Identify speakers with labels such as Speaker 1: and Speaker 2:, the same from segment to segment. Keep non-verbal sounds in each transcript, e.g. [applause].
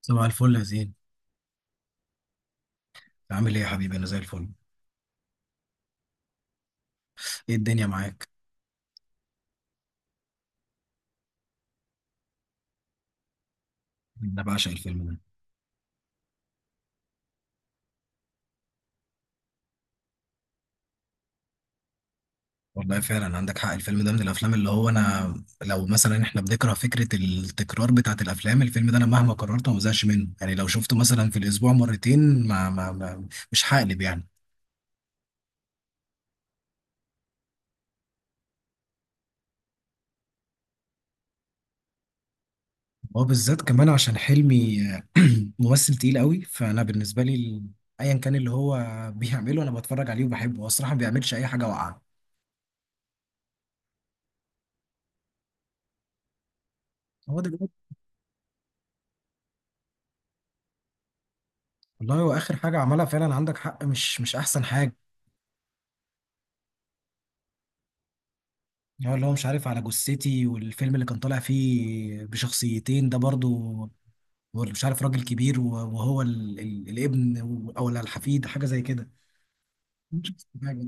Speaker 1: صباح الفل يا زين. عامل ايه يا حبيبي، انا زي الفل. ايه الدنيا معاك؟ انا بعشق الفيلم ده. والله فعلا عندك حق. الفيلم ده من الافلام اللي هو انا، لو مثلا احنا بنكره فكره التكرار بتاعت الافلام، الفيلم ده انا مهما قررته ما بزهقش منه. يعني لو شفته مثلا في الاسبوع مرتين ما مش هقلب يعني. هو بالذات كمان عشان حلمي [clears throat] ممثل تقيل قوي. فانا بالنسبه لي ايا كان اللي هو بيعمله انا بتفرج عليه وبحبه. هو الصراحه ما بيعملش اي حاجه واقعه. هو دلوقتي، والله هو اخر حاجه عملها، فعلا عندك حق، مش احسن حاجه. هو اللي هو مش عارف على جثتي، والفيلم اللي كان طالع فيه بشخصيتين ده برضو، مش عارف راجل كبير وهو الابن او الحفيد حاجه زي كده. مش عارف حاجة.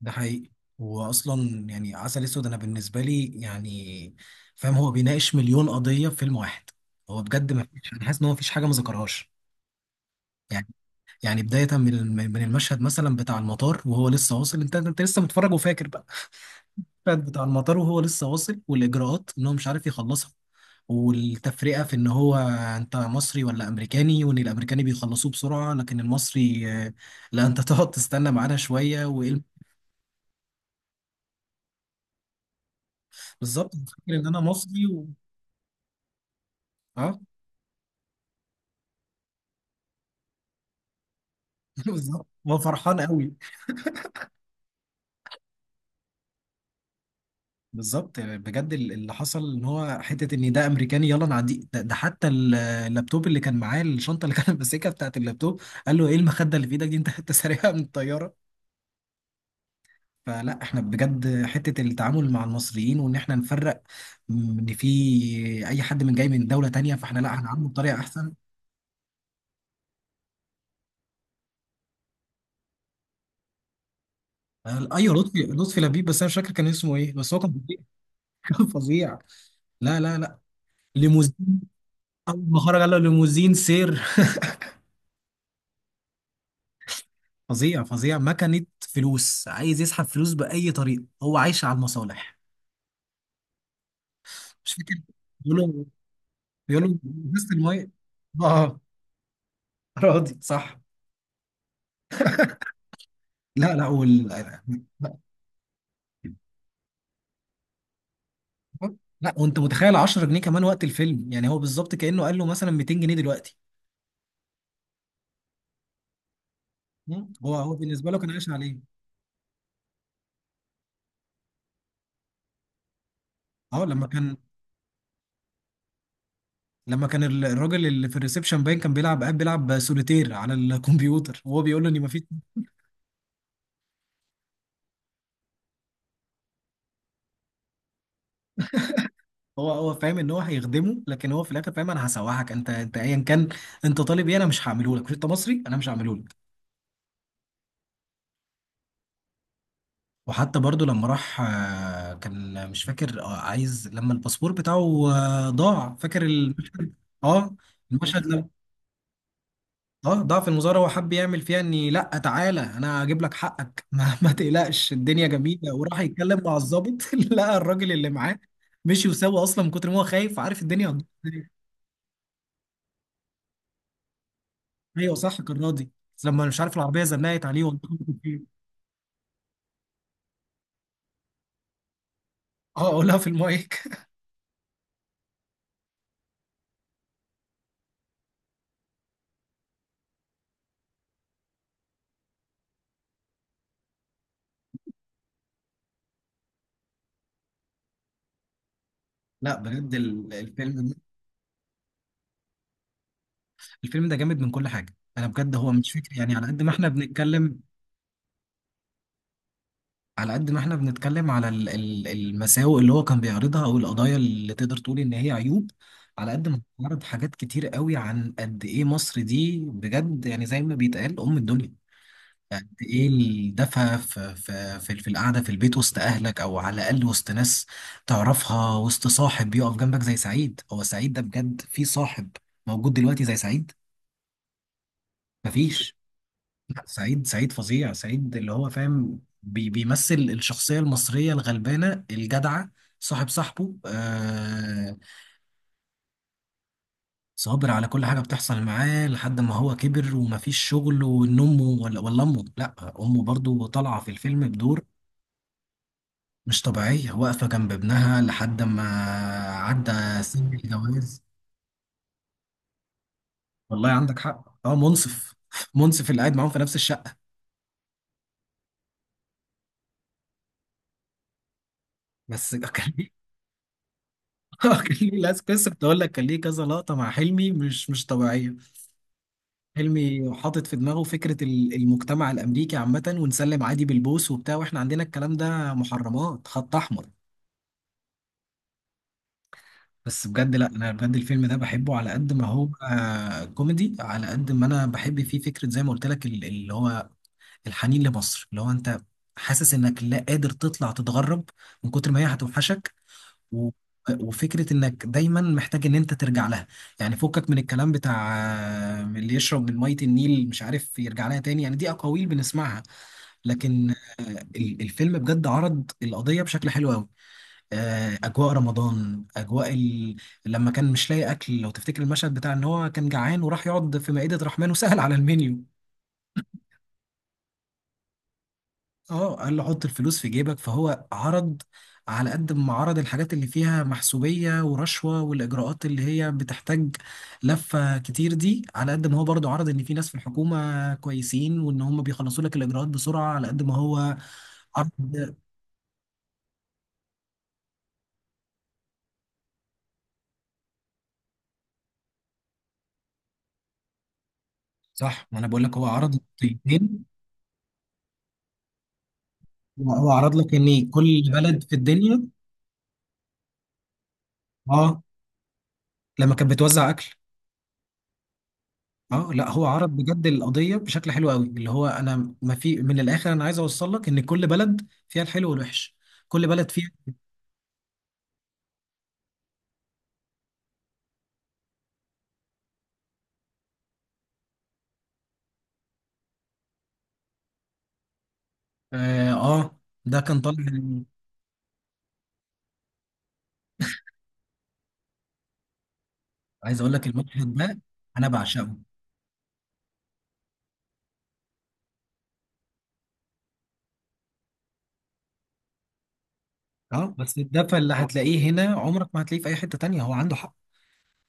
Speaker 1: ده حقيقي. واصلا يعني عسل اسود انا بالنسبه لي يعني فاهم، هو بيناقش مليون قضيه في فيلم واحد. هو بجد ما فيش، انا حاسس ان هو ما فيش حاجه ما ذكرهاش. يعني يعني بدايه من من المشهد مثلا بتاع المطار وهو لسه واصل، انت لسه متفرج وفاكر بقى التراك بتاع المطار وهو لسه واصل، والاجراءات ان هو مش عارف يخلصها، والتفرقه في ان هو انت مصري ولا امريكاني، وان الامريكاني بيخلصوه بسرعه لكن المصري لا انت تقعد تستنى معانا شويه وايه. بالظبط، فاكر ان انا مصري و... اه [laughs] بالظبط هو فرحان قوي. بالظبط بجد. اللي حصل ان هو حته ان ده امريكاني يلا نعديه ده حتى اللابتوب اللي كان معاه، الشنطه اللي كان ماسكها بتاعت اللابتوب، قال له ايه المخده اللي في ايدك دي؟ انت سارقها من الطياره. فلا احنا بجد حتة التعامل مع المصريين، وان احنا نفرق ان في اي حد من جاي من دولة تانية، فاحنا لا هنعامله بطريقة احسن. ايوه، لطفي لبيب. بس انا مش فاكر كان اسمه ايه، بس هو كان فظيع. [laughs] كان فظيع. لا لا لا، ليموزين. اول ما خرج قال له ليموزين سير. [laughs] فظيع فظيع. مكنة فلوس، عايز يسحب فلوس بأي طريقة، هو عايش على المصالح. مش فاكر. بيقول له بيقول له بس المية. اه راضي صح. لا لا لا، وانت متخيل 10 جنيه كمان وقت الفيلم؟ يعني هو بالظبط كانه قال له مثلا 200 جنيه دلوقتي. مم. هو بالنسبه له كان عايش عليه. اه لما كان، الراجل اللي في الريسبشن باين كان بيلعب، قاعد بيلعب سوليتير على الكمبيوتر، وهو بيقول له ان مفيش. هو فاهم ان هو هيخدمه، لكن هو في الاخر فاهم انا هسوحك، انت ايا كان انت طالب ايه، انا مش هعمله لك. مش انت مصري؟ انا مش هعمله لك. وحتى برضو لما راح، كان مش فاكر، عايز لما الباسبور بتاعه ضاع. فاكر اه، المشهد. اه ضعف المظاهرة، هو حب يعمل فيها اني لا تعالى انا هجيب لك حقك [laughs] ما تقلقش، الدنيا جميلة، وراح يتكلم مع الضابط. [laughs] لقى الراجل اللي معاه مشي وسوى اصلا من كتر ما هو خايف، عارف الدنيا هتبوظ إزاي. ايوه صح، كان راضي. بس لما مش عارف، العربية زنقت عليه والله. [laughs] اه قولها في المايك. [laughs] لا بجد الفيلم، الفيلم ده جامد من كل حاجة. انا بجد، هو مش فكرة يعني، على قد ما احنا بنتكلم على قد ما احنا بنتكلم على المساوئ اللي هو كان بيعرضها او القضايا اللي تقدر تقول ان هي عيوب، على قد ما بيعرض حاجات كتير قوي عن قد ايه مصر دي بجد، يعني زي ما بيتقال ام الدنيا. قد ايه الدفى في القعده في البيت وسط اهلك، او على الاقل وسط ناس تعرفها، وسط صاحب يقف جنبك زي سعيد. هو سعيد ده، بجد في صاحب موجود دلوقتي زي سعيد؟ مفيش. لا، سعيد سعيد فظيع. سعيد اللي هو فاهم، بيمثل الشخصية المصرية الغلبانة الجدعة، صاحب صاحبه. صابر على كل حاجة بتحصل معاه لحد ما هو كبر ومفيش شغل، وان امه ولا امه لا، امه برضو طالعة في الفيلم بدور مش طبيعية، واقفة جنب ابنها لحد ما عدى سن الجواز. والله عندك حق. اه منصف، [laughs] منصف اللي قاعد معاهم في نفس الشقة. بس [laughs] كان [laughs] كان ليه لازم، لسه كنت اقول لك كان ليه كذا لقطه مع حلمي مش طبيعيه. حلمي حاطط في دماغه فكره المجتمع الامريكي عامه، ونسلم عادي بالبوس وبتاع، واحنا عندنا الكلام ده محرمات، خط احمر. بس بجد لا، انا بجد الفيلم ده بحبه على قد ما هو كوميدي، على قد ما انا بحب فيه فكره زي ما قلت لك، اللي هو الحنين لمصر، اللي هو انت حاسس انك لا قادر تطلع تتغرب من كتر ما هي هتوحشك، و- وفكرة انك دايما محتاج ان انت ترجع لها. يعني فكك من الكلام بتاع اللي يشرب من مية النيل مش عارف يرجع لها تاني، يعني دي اقاويل بنسمعها. لكن آه، الفيلم بجد عرض القضية بشكل حلو قوي. اجواء رمضان، اجواء لما كان مش لاقي اكل، لو تفتكر المشهد بتاع ان هو كان جعان، وراح يقعد في مائدة رحمن وسهل على المنيو. اه قال له حط الفلوس في جيبك. فهو عرض، على قد ما عرض الحاجات اللي فيها محسوبية ورشوة والإجراءات اللي هي بتحتاج لفة كتير دي، على قد ما هو برضه عرض إن في ناس في الحكومة كويسين وإن هم بيخلصوا لك الإجراءات بسرعة. على قد ما هو عرض صح. ما أنا بقول لك هو عرض نقطتين. هو عرض لك إن كل بلد في الدنيا. اه لما كانت بتوزع أكل. اه لا، هو عرض بجد القضيه بشكل حلو قوي، اللي هو انا، ما في، من الاخر انا عايز اوصل لك ان كل بلد فيها الحلو والوحش، كل بلد فيها. اه، آه، ده كان طالع. عايز اقول لك المشهد ده انا بعشقه. اه بس الدفى اللي هتلاقيه هنا عمرك ما هتلاقيه في اي حته تانية. هو عنده حق.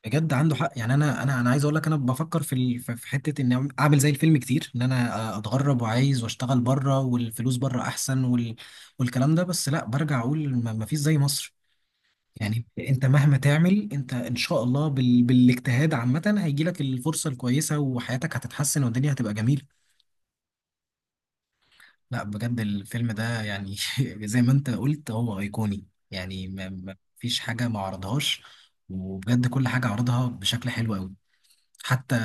Speaker 1: بجد عنده حق. يعني انا عايز اقول لك، انا بفكر في ال- في في حته ان اعمل زي الفيلم كتير، ان انا اتغرب، وعايز واشتغل بره، والفلوس بره احسن، والكلام ده. بس لا، برجع اقول ما فيش زي مصر. يعني انت مهما تعمل، انت ان شاء الله بالاجتهاد عامة هيجي لك الفرصة الكويسة، وحياتك هتتحسن، والدنيا هتبقى جميلة. لا بجد الفيلم ده يعني، [laughs] زي ما انت قلت هو ايقوني، يعني ما فيش حاجة ما عرضهاش. وبجد كل حاجة عرضها بشكل حلو قوي. حتى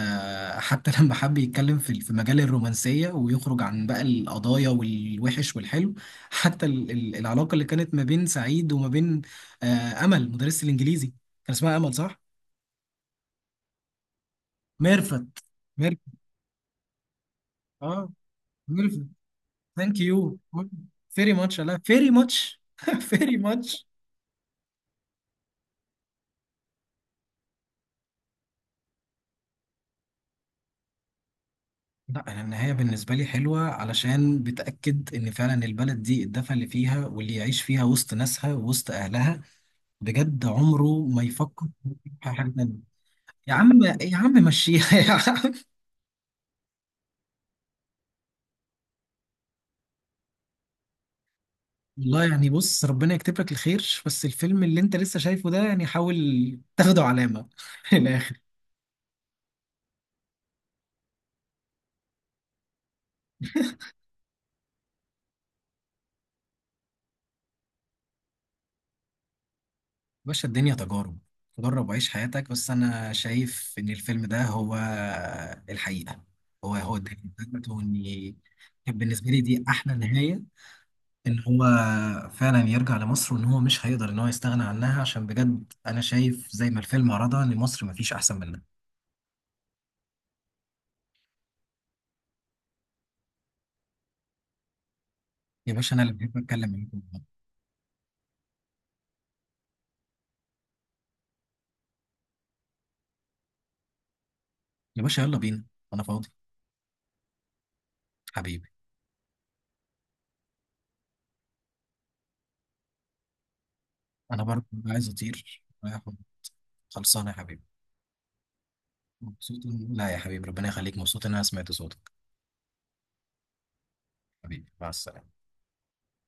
Speaker 1: [laughs] لما حب يتكلم في مجال الرومانسية ويخرج عن بقى القضايا والوحش والحلو، حتى العلاقة اللي كانت ما بين سعيد وما بين أمل، مدرسة الإنجليزي. كان اسمها أمل صح؟ ميرفت. ميرفت. اه ميرفت. ثانك يو فيري ماتش. لا فيري ماتش [laughs] فيري ماتش. لا انا النهايه بالنسبه لي حلوه، علشان بتاكد ان فعلا البلد دي الدفى اللي فيها، واللي يعيش فيها وسط ناسها وسط اهلها بجد عمره ما يفكر في حاجه تانيه. يا عم يا عم مشيها [laughs] يا عم. والله يعني بص، ربنا يكتب لك الخير. بس الفيلم اللي انت لسه شايفه ده، يعني حاول تاخده علامه [laughs] في الاخر. باشا الدنيا تجارب، جرب وعيش حياتك. بس انا شايف ان الفيلم ده هو الحقيقه، هو الدنيا بتاعت واني. كان بالنسبه لي دي احلى نهايه، ان هو فعلا يرجع لمصر، وان هو مش هيقدر ان هو يستغنى عنها، عشان بجد انا شايف زي ما الفيلم عرضها، ان مصر مفيش احسن منها. يا باشا انا اللي بحب اتكلم معاكم. يا باشا يلا بينا، انا فاضي. حبيبي. انا برضه عايز اطير رايح. خلصانه يا حبيبي. مبسوط لا يا حبيبي ربنا يخليك، مبسوط ان انا سمعت صوتك. حبيبي مع السلامه.